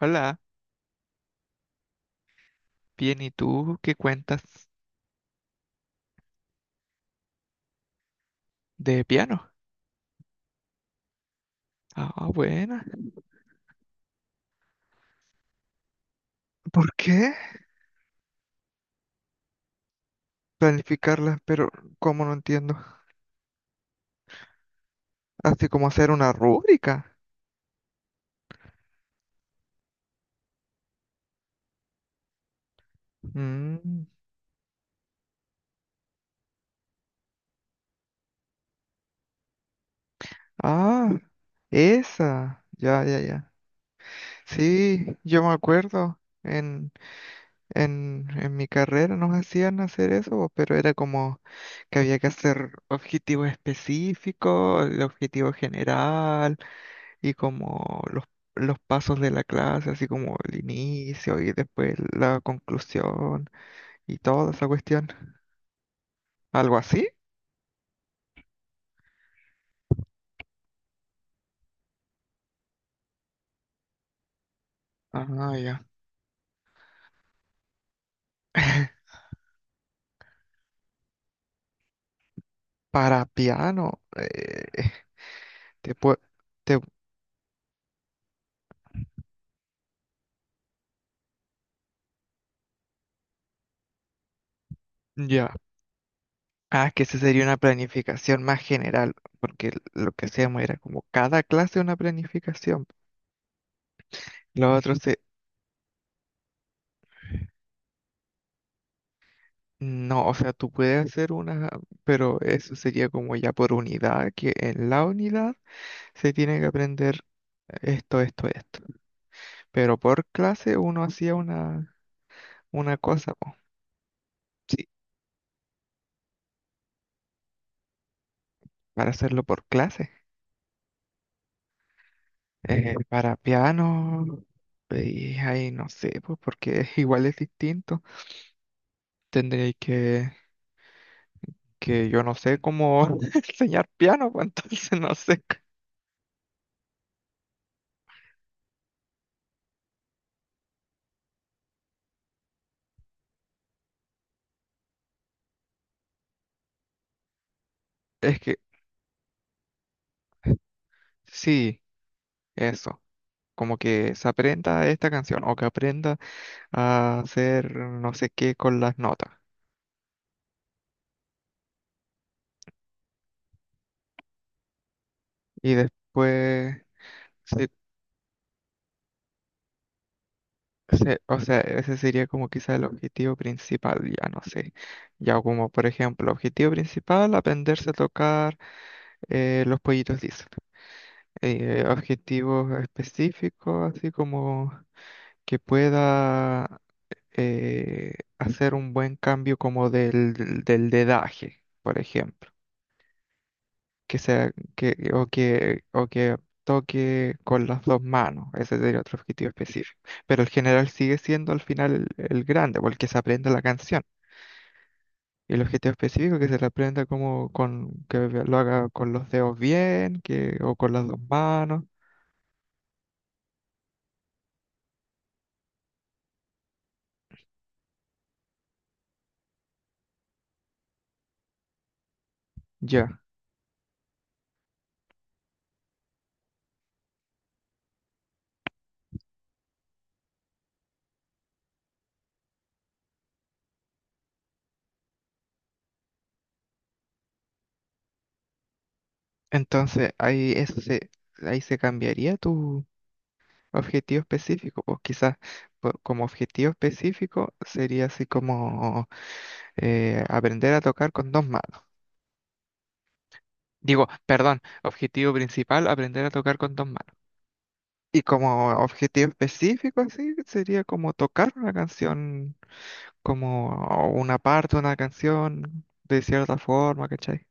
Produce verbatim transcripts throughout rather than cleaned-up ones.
Hola, bien, ¿y tú qué cuentas de piano? Ah, buena. ¿Por qué? Planificarla, pero ¿cómo no entiendo? Así como hacer una rúbrica. Mm. Ah, esa. Ya, ya, ya. Sí, yo me acuerdo. En, en, en mi carrera nos hacían hacer eso, pero era como que había que hacer objetivos específicos, el objetivo general, y como los, los pasos de la clase, así como el inicio y después la conclusión y toda esa cuestión. ¿Algo así? Ah, ya. Para piano, eh, te pue- te- ya. Ah, que esa sería una planificación más general, porque lo que hacíamos era como cada clase una planificación. Lo otro se... No, o sea, tú puedes hacer una, pero eso sería como ya por unidad, que en la unidad se tiene que aprender esto, esto, esto. Pero por clase uno hacía una, una cosa, po. Sí, para hacerlo por clase. Eh, para piano, y ahí no sé, pues porque igual es distinto. Tendréis que, que yo no sé cómo enseñar piano, pues entonces no sé. c- Es que sí, eso. Como que se aprenda esta canción o que aprenda a hacer no sé qué con las notas. Y después, sí, Ese- o sea, ese sería como quizá el objetivo principal, ya no sé. Ya como, por ejemplo, objetivo principal, aprenderse a tocar eh, los pollitos Disney. Eh, objetivos específicos, así como que pueda eh, hacer un buen cambio como del, del del dedaje, por ejemplo. Que sea, que, o que, o que toque con las dos manos. Ese sería otro objetivo específico. Pero el general sigue siendo al final el, el grande, porque se aprende la canción. El objetivo específico que se le aprenda como con que lo haga con los dedos bien, que o con las dos manos. Ya. Entonces ahí eso se ahí se cambiaría tu objetivo específico. O quizás po- como objetivo específico sería así como eh, aprender a tocar con dos manos. Digo, perdón, objetivo principal, aprender a tocar con dos manos. Y como objetivo específico así sería como tocar una canción como una parte, de una canción, de cierta forma, ¿cachai?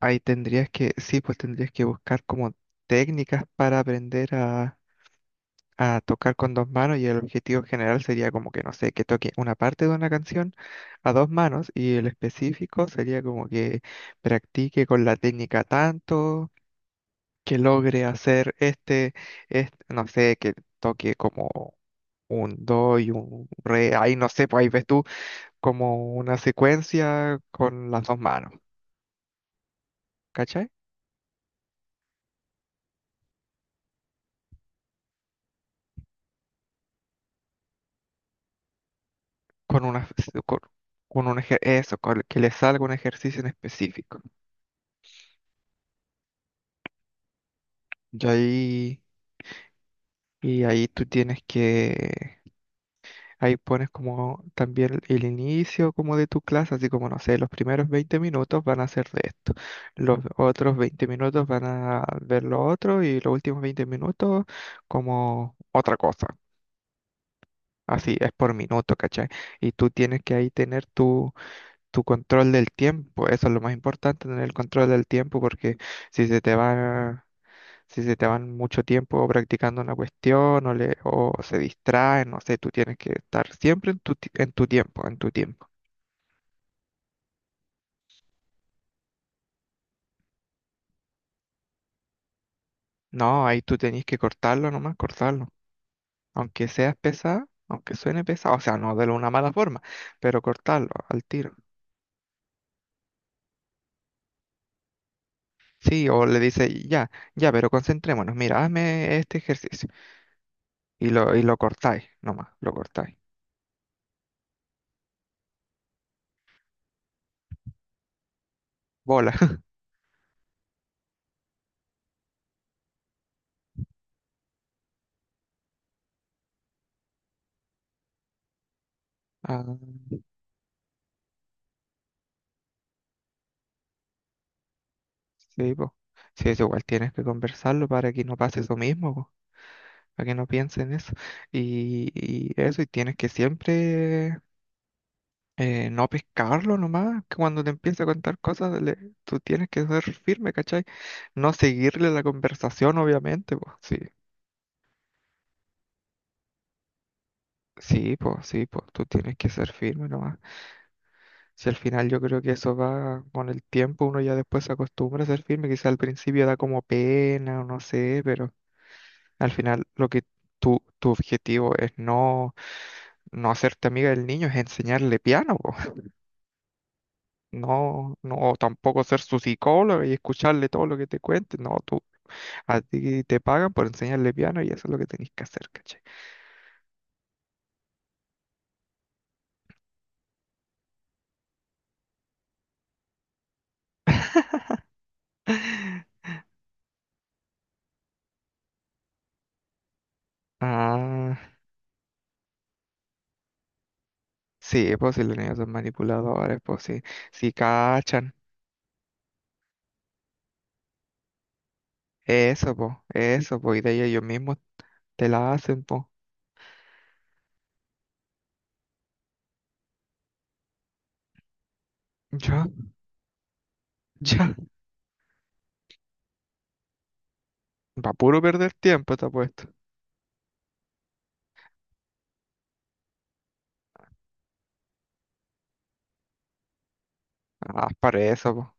Ahí tendrías que, sí, pues tendrías que buscar como técnicas para aprender a, a tocar con dos manos, y el objetivo general sería como que, no sé, que toque una parte de una canción a dos manos, y el específico sería como que practique con la técnica tanto, que logre hacer este, este, no sé, que toque como un do y un re, ahí no sé, pues ahí ves tú como una secuencia con las dos manos, ¿cachai? Con una, con, con un ejer- eso, con- que le salga un ejercicio en específico. Y ahí, y ahí tú tienes que, ahí pones como también el inicio como de tu clase, así como, no sé, los primeros veinte minutos van a ser de esto, los otros veinte minutos van a ver lo otro y los últimos veinte minutos como otra cosa. Así es por minuto, ¿cachai? Y tú tienes que ahí tener tu control del tiempo. Eso es lo más importante, tener el control del tiempo, porque si se te va, si se te van mucho tiempo practicando una cuestión o, le, o se distraen, no sé, tú tienes que estar siempre en tu, ti- en tu tiempo, en tu tiempo. No, ahí tú tenés que cortarlo, nomás cortarlo. Aunque seas pesada, aunque suene pesado, o sea, no de una mala forma, pero cortarlo al tiro. Sí, o le dice, ya, ya, pero concentrémonos, mira, hazme este ejercicio. Y lo, y lo cortáis, nomás, lo cortáis. Bola. Ah. Sí, pues. Sí, eso igual tienes que conversarlo para que no pase eso mismo, po, para que no piensen eso. Y, y eso, y tienes que siempre eh, no pescarlo nomás, que cuando te empiece a contar cosas, le- tú tienes que ser firme, ¿cachai? No seguirle la conversación, obviamente, pues. Sí, sí, pues, sí, pues, tú tienes que ser firme nomás. Si al final yo creo que eso va con el tiempo, uno ya después se acostumbra a ser firme, quizá al principio da como pena o no sé, pero... Al final, lo que tu, tu objetivo es no, no hacerte amiga del niño, es enseñarle piano, po. No, no tampoco ser su psicólogo y escucharle todo lo que te cuente. No, tú, a ti te pagan por enseñarle piano y eso es lo que tenés que hacer, ¿cachai? Ah, sí, pues si los niños son manipuladores, pues sí, si cachan, eso, pues, eso, pues, y de ahí ellos mismos te la hacen, pues, ya, ya, va puro perder tiempo, te apuesto, ah, para eso.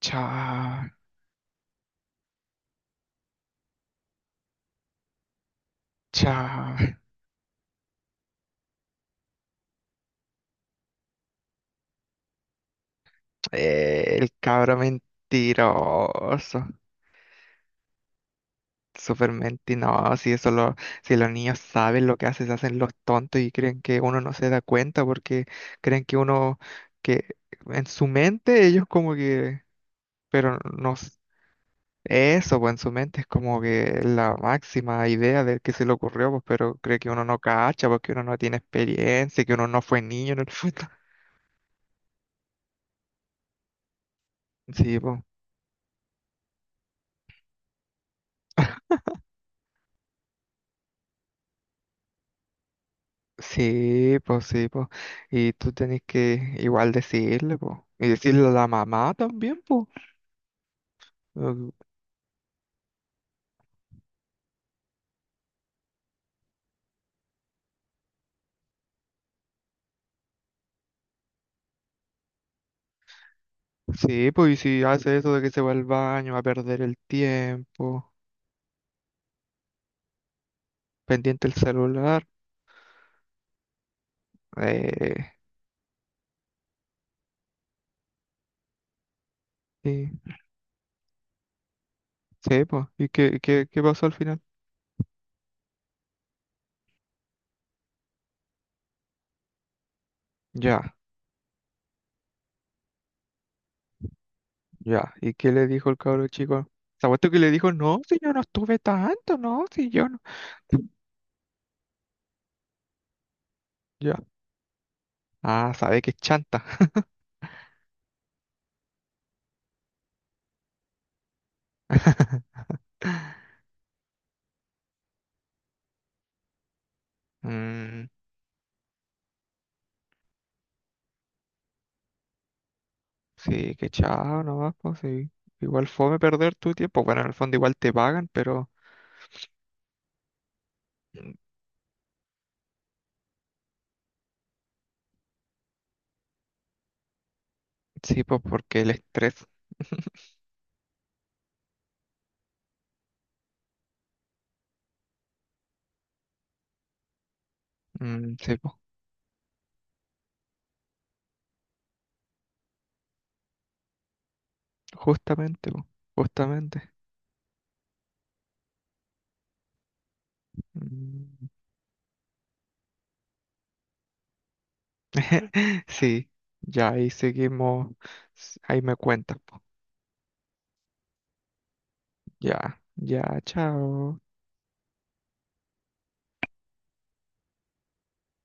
Cha, cha. Eh, el cabro mentiroso. Súper mentiroso. Si eso lo, si los niños saben lo que hacen, se hacen los tontos y creen que uno no se da cuenta porque creen que uno, que en su mente ellos como que, pero no, s- eso, pues en su mente es como que la máxima idea del que se le ocurrió, pues, pero cree que uno no cacha, porque uno no tiene experiencia, que uno no fue niño en el fútbol. Sí, pues. Sí, pues sí, pues. Y tú tenés que igual decirle, pues. Y decirle a la mamá también, pues. Eh, Sí, pues, y si hace eso de que se va al baño, va a perder el tiempo, pendiente el celular. Eh, sí, sí, pues. ¿Y qué, qué, qué pasó al final? Ya, ya. ¿Y qué le dijo el cabro chico? ¿Sabes tú que le dijo? No, si yo no estuve tanto, no, si yo no. Ya. Ah, sabe que es chanta. Mm. Sí, que chao, no vas, pues sí. Igual fome perder tu tiempo. Bueno, en el fondo igual te pagan, pero mm, sí, pues porque el estrés. Mm, sí, pues. Justamente, pues. Justamente. Mm. Sí, ya ahí seguimos. s- Ahí me cuentas, pues. Ya, ya, chao.